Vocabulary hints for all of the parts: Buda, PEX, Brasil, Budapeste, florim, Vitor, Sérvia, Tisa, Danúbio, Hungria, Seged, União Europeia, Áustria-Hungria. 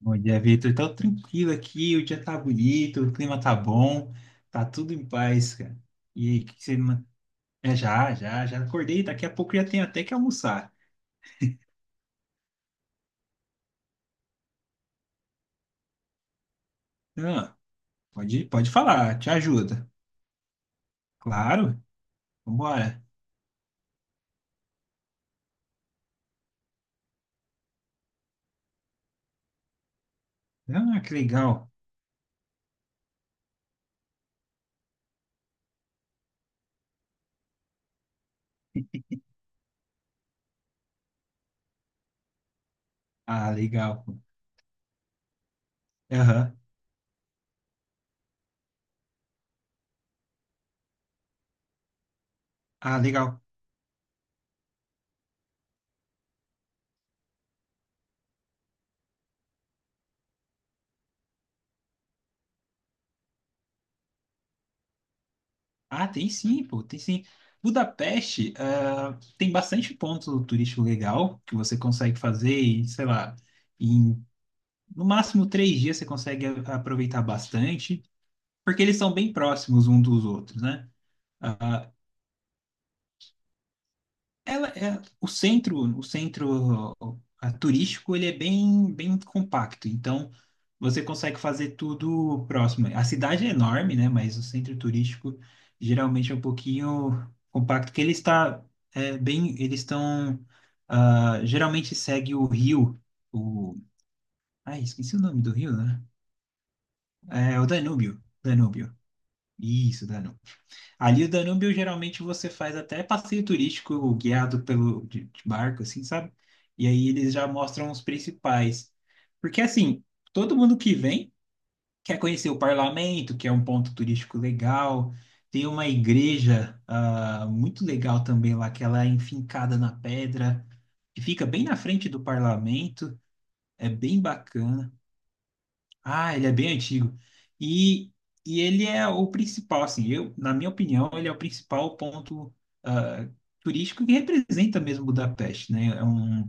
Bom dia, Vitor. Tá tranquilo aqui, o dia tá bonito, o clima tá bom, tá tudo em paz, cara. E aí, o que que você... man- Já acordei, daqui a pouco já tenho até que almoçar. Ah, pode falar, te ajuda. Claro, vambora. Ah, que legal. Ah, legal, pô. Aham. Ah, legal. Ah, tem sim, pô, tem sim. Budapeste, tem bastante ponto turístico legal que você consegue fazer, e, sei lá, em no máximo três dias você consegue aproveitar bastante, porque eles são bem próximos um dos outros, né? Ah, ela é o centro turístico, ele é bem, bem compacto, então você consegue fazer tudo próximo. A cidade é enorme, né? Mas o centro turístico geralmente é um pouquinho compacto, porque ele está é, bem, eles estão geralmente segue o rio, o, ai, esqueci o nome do rio, né? É o Danúbio, Danúbio. Isso, Danúbio. Ali o Danúbio geralmente você faz até passeio turístico guiado pelo de barco, assim, sabe? E aí eles já mostram os principais. Porque assim, todo mundo que vem quer conhecer o parlamento, que é um ponto turístico legal. Tem uma igreja muito legal também lá, que ela é enfincada na pedra, que fica bem na frente do parlamento. É bem bacana. Ah, ele é bem antigo. E, e ele é o principal, assim, eu, na minha opinião, ele é o principal ponto ah, turístico que representa mesmo Budapeste, né? É um,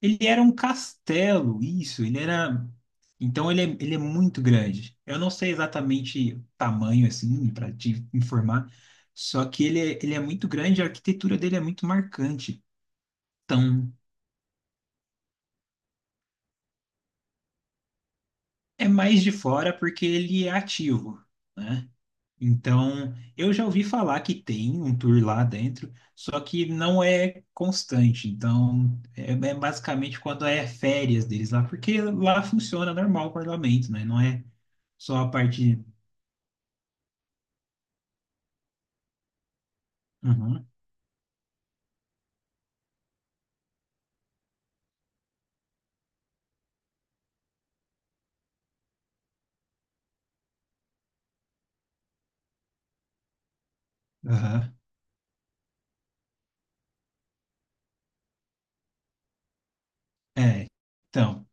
ele era um castelo, isso, ele era... Então ele é muito grande. Eu não sei exatamente o tamanho, assim, para te informar, só que ele é muito grande, a arquitetura dele é muito marcante. Então, é mais de fora porque ele é ativo, né? Então, eu já ouvi falar que tem um tour lá dentro, só que não é constante. Então, é, é basicamente quando é férias deles lá, porque lá funciona normal o parlamento, né? Não é só a parte. Uhum, aham, é. Então.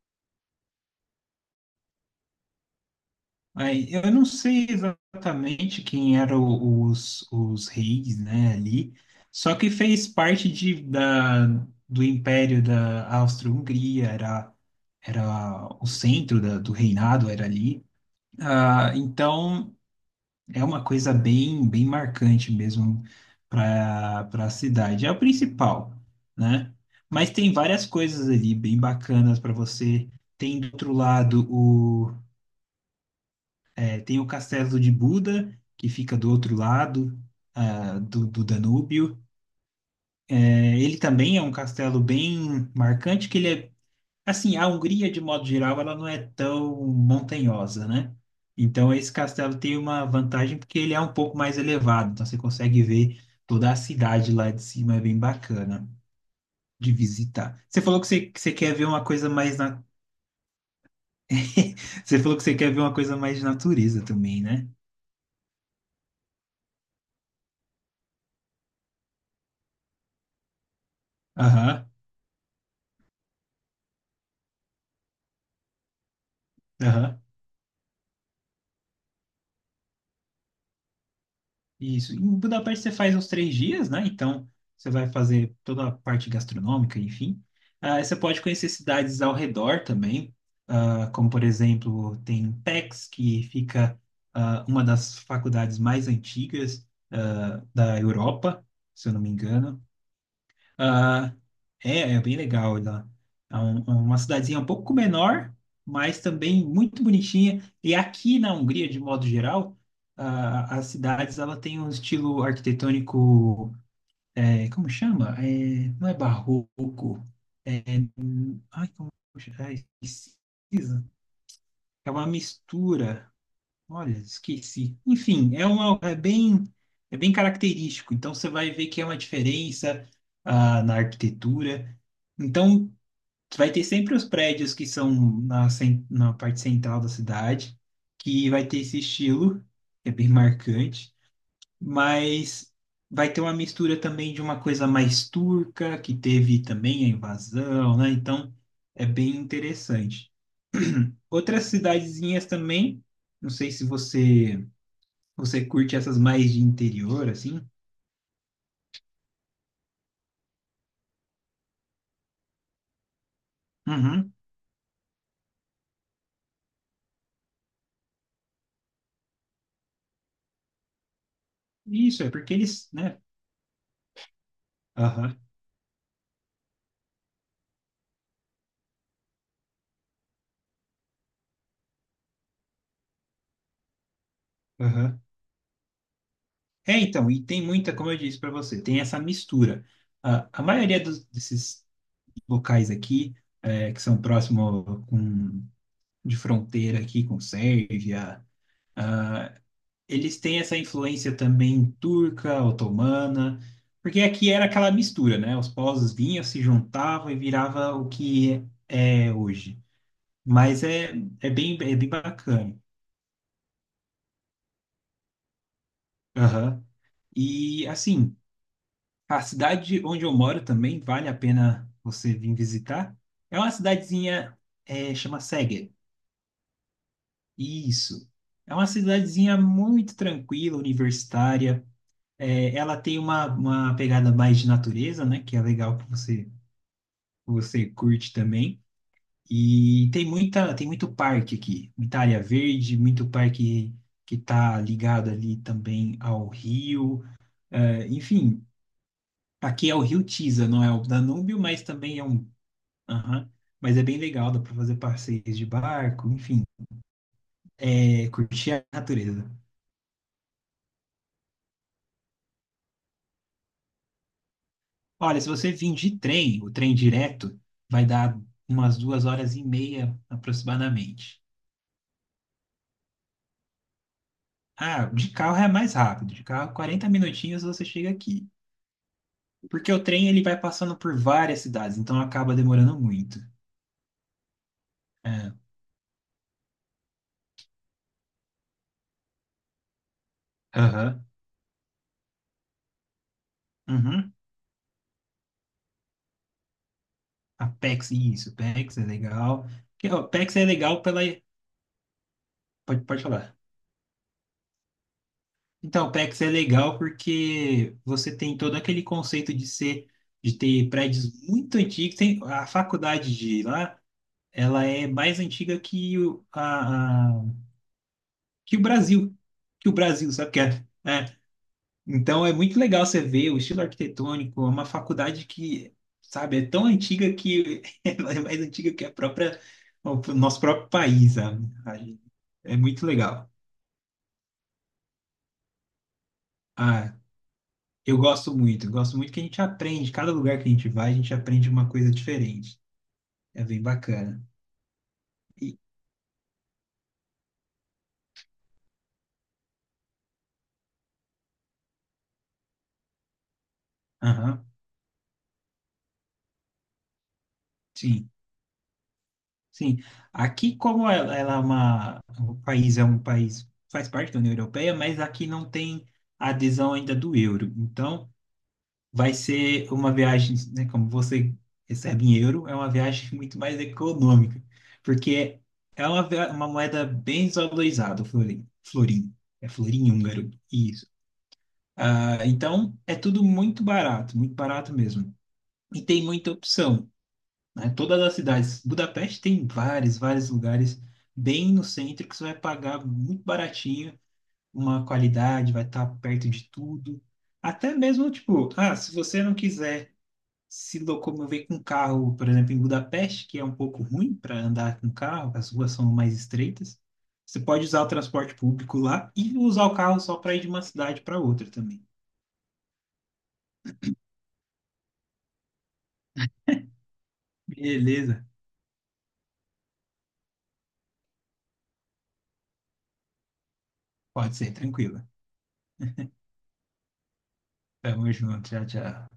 Aí, eu não sei exatamente quem eram os reis, né, ali, só que fez parte de, da, do Império da Áustria-Hungria, era, era o centro da, do reinado, era ali. Ah, então, é uma coisa bem, bem marcante mesmo para para a cidade. É o principal, né? Mas tem várias coisas ali bem bacanas para você. Tem do outro lado é, tem o castelo de Buda, que fica do outro lado, do, do Danúbio. É, ele também é um castelo bem marcante, que ele é, assim, a Hungria, de modo geral, ela não é tão montanhosa, né? Então, esse castelo tem uma vantagem porque ele é um pouco mais elevado, então você consegue ver toda a cidade lá de cima, é bem bacana de visitar. Você falou que você quer ver uma coisa mais na... Você falou que você quer ver uma coisa mais de natureza também, né? Aham, aham. Isso. Em Budapeste você faz uns três dias, né? Então você vai fazer toda a parte gastronômica, enfim. Ah, você pode conhecer cidades ao redor também, ah, como por exemplo tem PEX, que fica uma das faculdades mais antigas da Europa, se eu não me engano. Ah, é, é bem legal lá. É uma cidadezinha um pouco menor, mas também muito bonitinha. E aqui na Hungria, de modo geral, as cidades ela tem um estilo arquitetônico, é, como chama? É, não é barroco. É, ai, como chama? É, esquisito. É uma mistura. Olha, esqueci. Enfim, é uma, é bem característico. Então você vai ver que é uma diferença na arquitetura. Então vai ter sempre os prédios que são na, na parte central da cidade, que vai ter esse estilo, que é bem marcante, mas vai ter uma mistura também de uma coisa mais turca, que teve também a invasão, né? Então é bem interessante. Outras cidadezinhas também, não sei se você curte essas mais de interior, assim? Uhum. Isso, é porque eles, né? Aham, aham. É, então, e tem muita, como eu disse para você, tem essa mistura. A maioria dos, desses locais aqui, é, que são próximos com, de fronteira aqui com Sérvia, eles têm essa influência também turca, otomana, porque aqui era aquela mistura, né? Os povos vinham, se juntavam e virava o que é hoje. Mas é, é bem bacana. Aham. E assim, a cidade onde eu moro também vale a pena você vir visitar. É uma cidadezinha, é, chama Seged. Isso. É uma cidadezinha muito tranquila, universitária. É, ela tem uma pegada mais de natureza, né? Que é legal que você, você curte também. E tem muita, tem muito parque aqui, muita área verde, muito parque que está ligado ali também ao rio. É, enfim. Aqui é o Rio Tisa, não é o Danúbio, mas também é um. Aham. Mas é bem legal, dá para fazer passeios de barco, enfim, é, curtir a natureza. Olha, se você vir de trem, o trem direto, vai dar umas duas horas e meia aproximadamente. Ah, de carro é mais rápido, de carro 40 minutinhos você chega aqui. Porque o trem ele vai passando por várias cidades, então acaba demorando muito. É. Aham. Uhum. A PEX, isso, PEX é legal. Que, ó, PEX é legal pela. Pode falar. Então, o PEX é legal porque você tem todo aquele conceito de ser, de ter prédios muito antigos. Tem, a faculdade de lá, ela é mais antiga que o, a, que o Brasil, que o Brasil, sabe o que é? É. Então, é muito legal você ver o estilo arquitetônico, é uma faculdade que, sabe, é tão antiga que ela é mais antiga que a própria, o nosso próprio país, sabe? Aí, é muito legal. Ah, Eu gosto muito que a gente aprende. Cada lugar que a gente vai, a gente aprende uma coisa diferente. É bem bacana. E, aham, sim, sim. Aqui, como ela é uma, o país é um país, faz parte da União Europeia, mas aqui não tem adesão ainda do euro. Então, vai ser uma viagem, né, como você recebe em euro, é uma viagem muito mais econômica, porque é uma, uma moeda bem desvalorizada, o florim. Florim. É florim húngaro. Isso. Ah, então, é tudo muito barato mesmo. E tem muita opção, né? Todas as cidades. Budapeste tem vários, vários lugares bem no centro que você vai pagar muito baratinho, uma qualidade, vai estar perto de tudo. Até mesmo, tipo, ah, se você não quiser se locomover com carro, por exemplo, em Budapeste, que é um pouco ruim para andar com carro, as ruas são mais estreitas, você pode usar o transporte público lá e usar o carro só para ir de uma cidade para outra também. Beleza. Pode ser, tranquilo. Tamo junto, tchau, tchau.